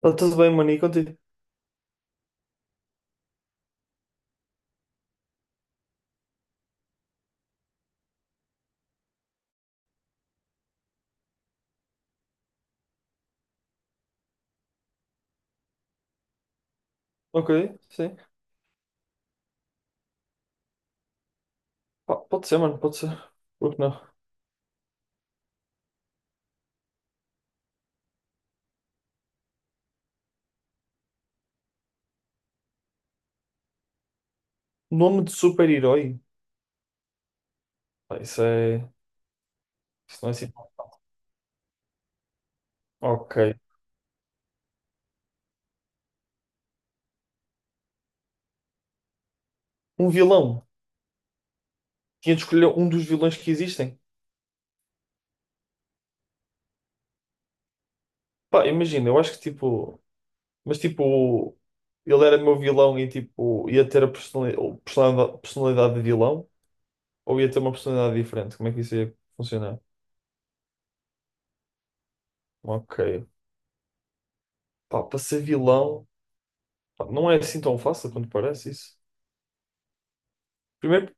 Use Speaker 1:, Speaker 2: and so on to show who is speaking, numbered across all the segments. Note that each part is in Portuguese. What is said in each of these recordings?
Speaker 1: Tá tudo bem, mano, e contigo? Ok, sim. Pá, pode ser, mano, pode ser. Por que não? Nome de super-herói? Pá, isso é. Isso não é assim. Ok. Um vilão. Tinha de escolher um dos vilões que existem. Pá, imagina, eu acho que tipo. Mas tipo. Ele era meu vilão e tipo. Ia ter a ou personalidade de vilão? Ou ia ter uma personalidade diferente? Como é que isso ia funcionar? Ok. Pá, para ser vilão. Pá, não é assim tão fácil quanto parece isso. Primeiro.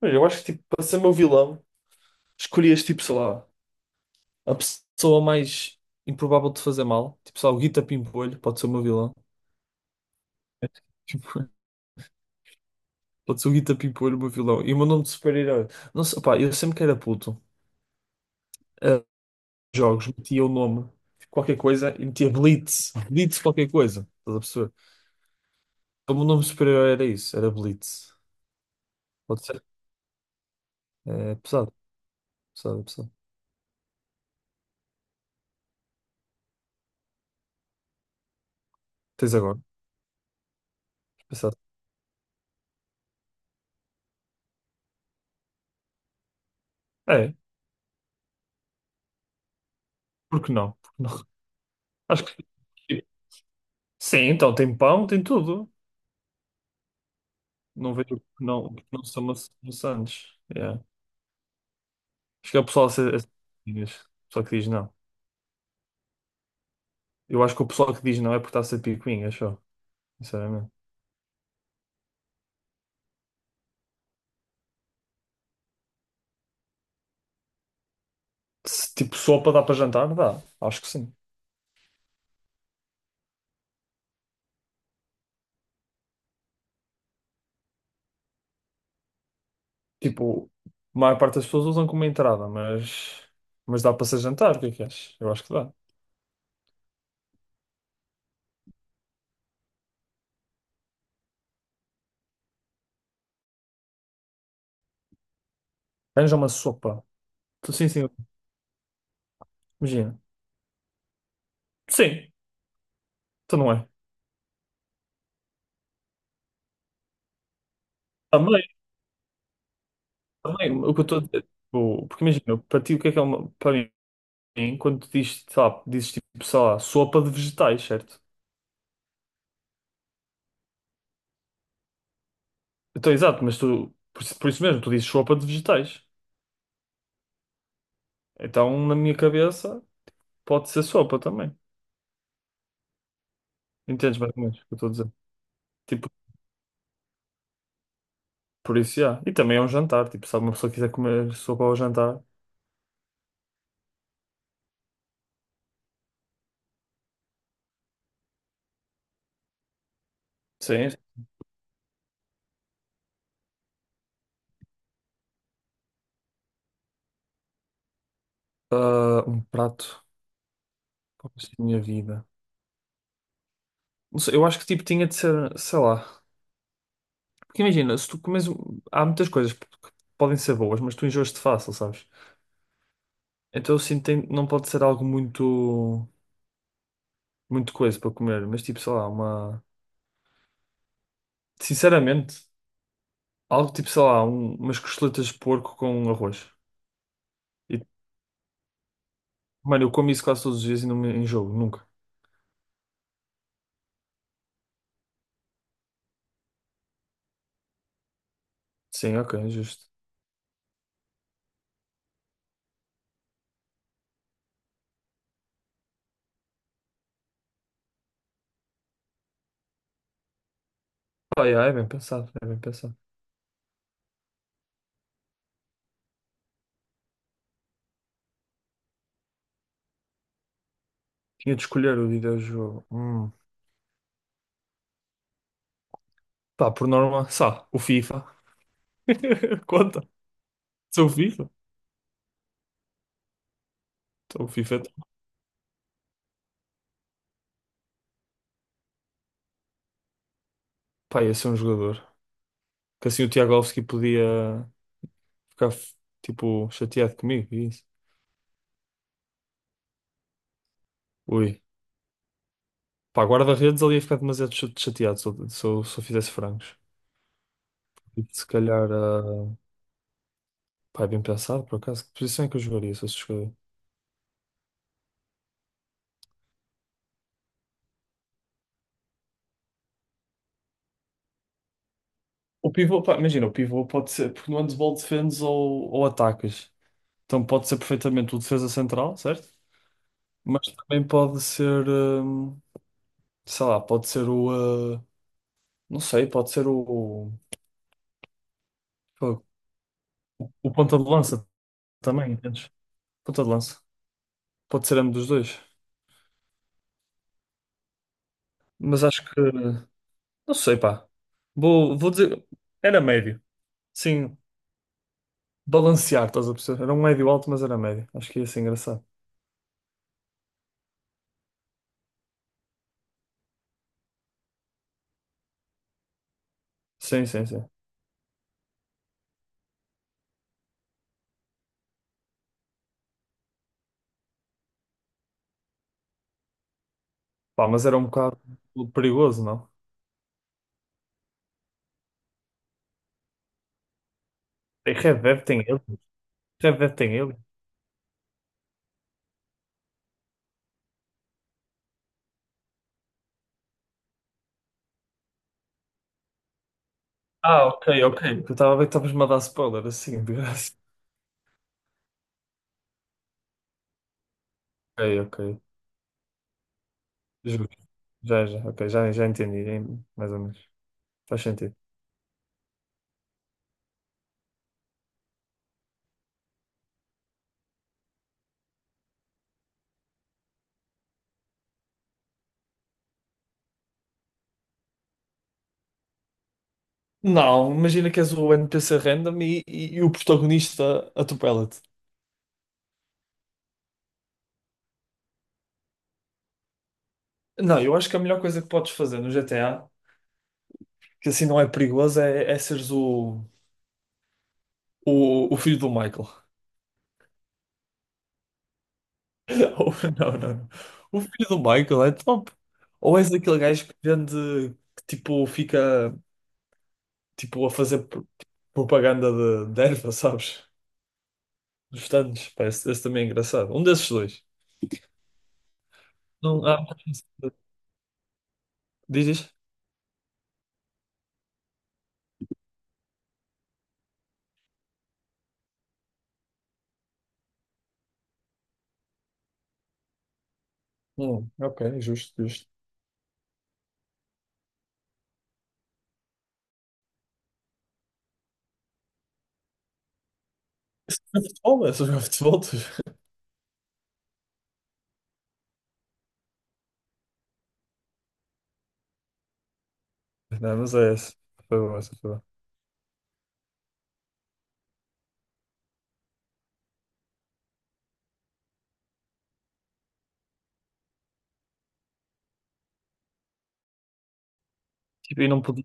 Speaker 1: Mas eu acho que tipo, para ser meu vilão, escolhias tipo, sei lá, a pessoa mais improvável de fazer mal. Tipo, sei lá, o Guita Pimpolho pode ser o meu vilão. Tipo, pode ser o Guita Pimpolho o meu vilão. E o meu nome de super-herói. Não sei, pá, eu sempre que era puto, a jogos, metia o nome, tipo, qualquer coisa, e metia Blitz. Blitz qualquer coisa. Estás a perceber? Então, o meu nome de super-herói era isso, era Blitz. Pode ser? É pesado, pesado, pesado. Tens agora, pesado. É, por que não? Por que não? Acho que. Sim, então tem pão, tem tudo. Não vejo que não, porque não são maçantes. Yeah. Acho que é o pessoal a ser picuinhas. O pessoal que diz não. Eu acho que o pessoal que diz não é porque está a ser picuinha, acho. Sinceramente. Se, tipo, sopa dá para jantar? Dá. Acho que sim. Tipo, a maior parte das pessoas usam como entrada, mas dá para ser jantar. O que é que achas? Eu acho que dá. Arranja uma sopa. Sim, sim. Imagina. Sim, então não é. Também, também. O que eu estou a dizer. Tipo, porque imagina, para ti, o que é uma. Para mim, quando tu dizes, sei lá, dizes tipo, sei lá, sopa de vegetais, certo? Então, exato, mas tu, isso por isso mesmo, tu dizes sopa de vegetais. Então, na minha cabeça, pode ser sopa também. Entendes mais ou menos o que eu estou a dizer? Tipo, por isso, já. E também é um jantar, tipo, se uma pessoa quiser comer sopa ao jantar. Sim. Ah, um prato para o resto da minha vida. Não sei, eu acho que tipo tinha de ser, sei lá. Porque imagina, se tu comes. Há muitas coisas que podem ser boas, mas tu enjoas-te fácil, sabes? Então eu sinto que não pode ser algo muito. Muito coisa para comer, mas tipo, sei lá, uma. Sinceramente, algo tipo, sei lá, umas costeletas de porco com arroz. E, mano, eu como isso quase todos os dias e não me enjoo, nunca. Sim, ok, é justo. Pá, yeah, é bem pensado, é bem pensado. Tinha de escolher o videojogo. Hum. Pá, por norma, só, o FIFA. Conta. Sou o FIFA. Sou o FIFA, então. Pá, ia ser um jogador. Que assim o Tiagovski podia ficar, tipo, chateado comigo e isso. Ui. Pá, guarda-redes ali ia ficar demasiado chateado se eu fizesse frangos. E se calhar, pá, é bem pensado, por acaso. Que posição é que eu jogaria se eu escolher? O pivô, pá, imagina, o pivô pode ser, porque no handball defendes ou atacas. Então pode ser perfeitamente o defesa central, certo? Mas também pode ser, sei lá, pode ser o, ah, não sei, pode ser o, o ponta de lança também, entendes? Ponta de lança. Pode ser ambos dos dois. Mas acho que, não sei, pá. Vou dizer, era médio. Sim, balancear, estás a perceber? Era um médio alto, mas era médio. Acho que ia ser engraçado. Sim, sim, sim. Pá, mas era um bocado perigoso, não? Tem Red Dead tem ele. Red Dead tem ele. Ah, ok, ok. Eu estava a ver que estavas-me a dar spoiler assim, de graça. Ok, ok. Justo. Já, já, ok, já, já entendi, hein? Mais ou menos. Faz sentido. Não, imagina que és o NPC random e o protagonista atropela-te. Não, eu acho que a melhor coisa que podes fazer no GTA, que assim não é perigoso, é seres o filho do Michael. Ou- Não, não, não. O filho do Michael é top. Ou és aquele gajo que vende, que tipo, fica tipo, a fazer propaganda de erva, sabes? Dos tantos. Parece, esse também é engraçado. Um desses dois. Não, há diz, diz. Ok, justo, justo. Isso não é futebol, isso não é futebol, tu. Não, mas é esse. Foi bom, essa foi boa. Tipo, e não podia.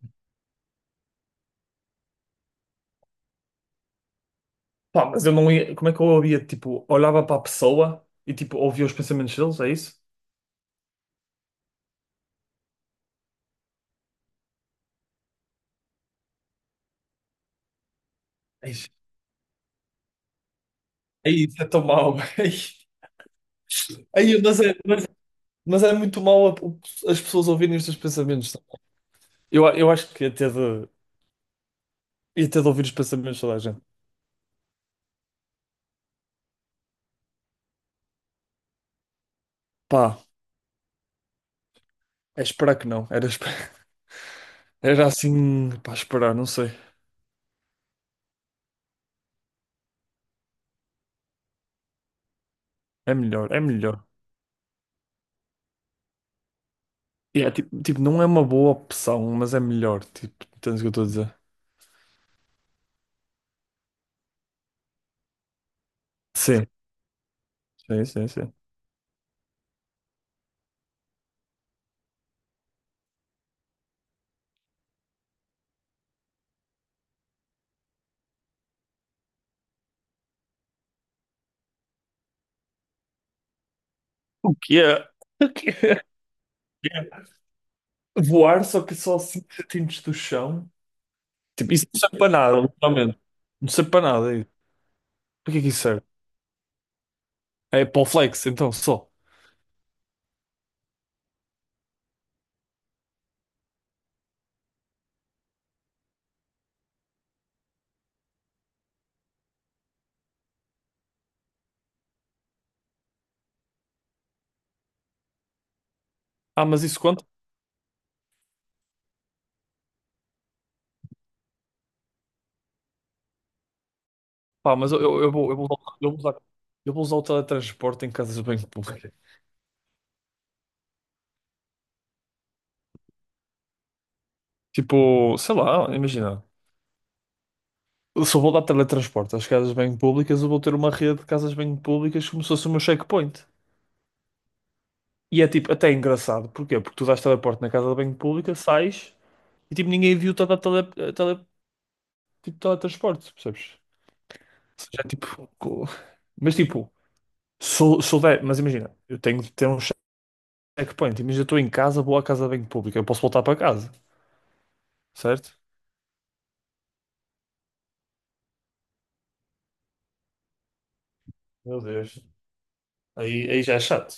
Speaker 1: Pá, mas eu não ia. Como é que eu ouvia? Tipo, olhava para a pessoa e tipo, ouvia os pensamentos deles, é isso? É isso, é isso, é tão mau. Aí, mas é muito mal as pessoas ouvirem estes pensamentos, sabe? Eu acho que ia ter de ouvir os pensamentos de toda a gente. Pá, é esperar que não. Era assim, pá, esperar, não sei. É melhor, é melhor. E é, tipo, não é uma boa opção, mas é melhor. Tipo, entendes o que eu estou a dizer? Sim, sim, sim, sim. O que é? O que é? Voar só que só 5 cm do chão? Tipo, isso não serve para nada, literalmente. Não serve para nada, é isso. Para que é que isso serve? É para o flex, então, só. Ah, mas isso quanto? Pá, mas eu vou usar o teletransporte em casas de banho público. Tipo, sei lá, imagina. Eu vou dar teletransporte às casas de banho públicas, eu vou ter uma rede de casas de banho públicas como se fosse o meu checkpoint. E é tipo, até é engraçado. Porquê? Porque tu dás teleporte na casa de banho pública, sais e tipo, ninguém viu-te a dar tele, tipo, teletransporte, percebes? Ou seja, é tipo, co-. Mas tipo, sou sou se mas imagina, eu tenho de ter um checkpoint. Imagina, eu estou em casa, vou à casa de banho pública, eu posso voltar para casa, certo? Meu Deus. Aí, já é chato.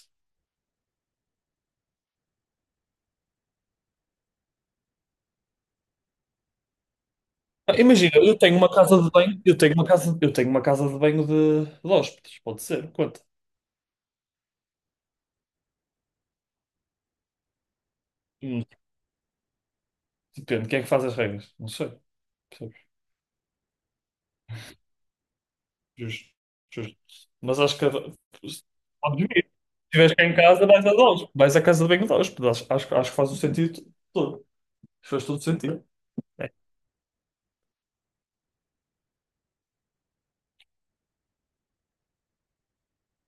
Speaker 1: Ah, imagina, eu tenho uma casa de banho, eu tenho uma casa, eu tenho uma casa de banho de hóspedes, pode ser, conta. Hum, Depende, quem é que faz as regras? Não sei. Percebes? Justo, justo. Mas acho que pode vir. Se estiveres cá em casa, vais a hóspedes, vais à casa de banho de hóspedes. Acho que faz o sentido todo. Faz todo sentido. É.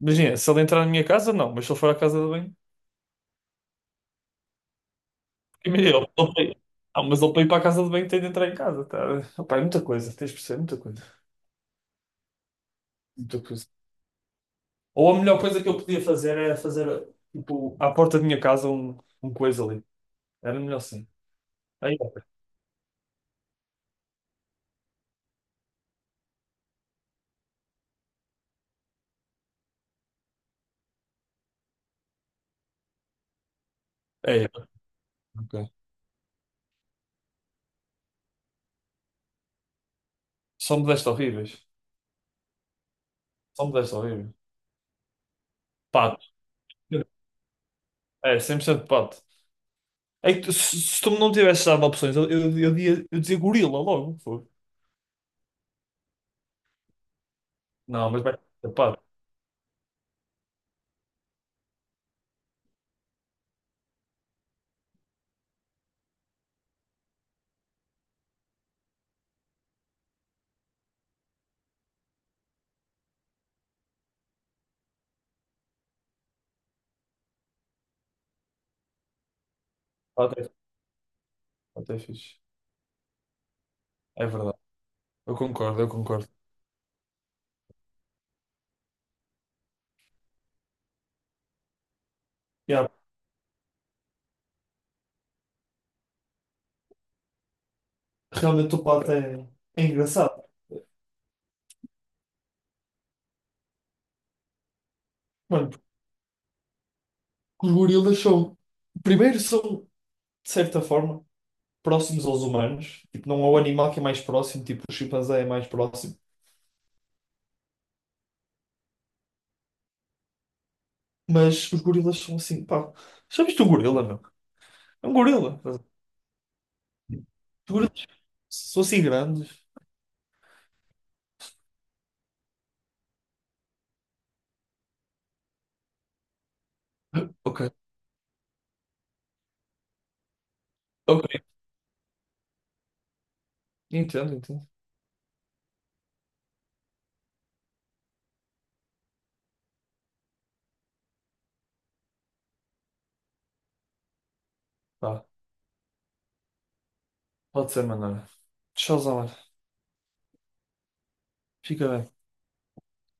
Speaker 1: Imagina, se ele entrar na minha casa, não, mas se ele for à casa de banho, imagina, não, mas ele para ir para a casa de banho tem de entrar em casa, tá? Opa, é muita coisa, tens de perceber, muita coisa. Muita coisa. Ou a melhor coisa que eu podia fazer era fazer, tipo, à porta da minha casa um coisa ali. Era melhor assim. Aí, é, Ok. Só me deste horríveis. Só me deste horríveis. Pato. É, 100% pato. É que se tu não tivesse dado opções, eu dizia gorila logo. Foi. Não, mas vai ser pato. Pato é, pato é fixe. É verdade. Eu concordo, eu concordo. Yeah, realmente o pato é, engraçado. Mano, porque os gorilas são. Primeiro são, de certa forma. Próximos aos humanos. Tipo, não é o animal que é mais próximo, tipo, o chimpanzé é mais próximo. Mas os gorilas são assim, pá. Já viste um gorila, meu? É um gorila. Os gorilas são assim grandes. Ok, ok. Entendo, entendo. Pá, pode ser, mano. Tchauzão, mano. Fica bem.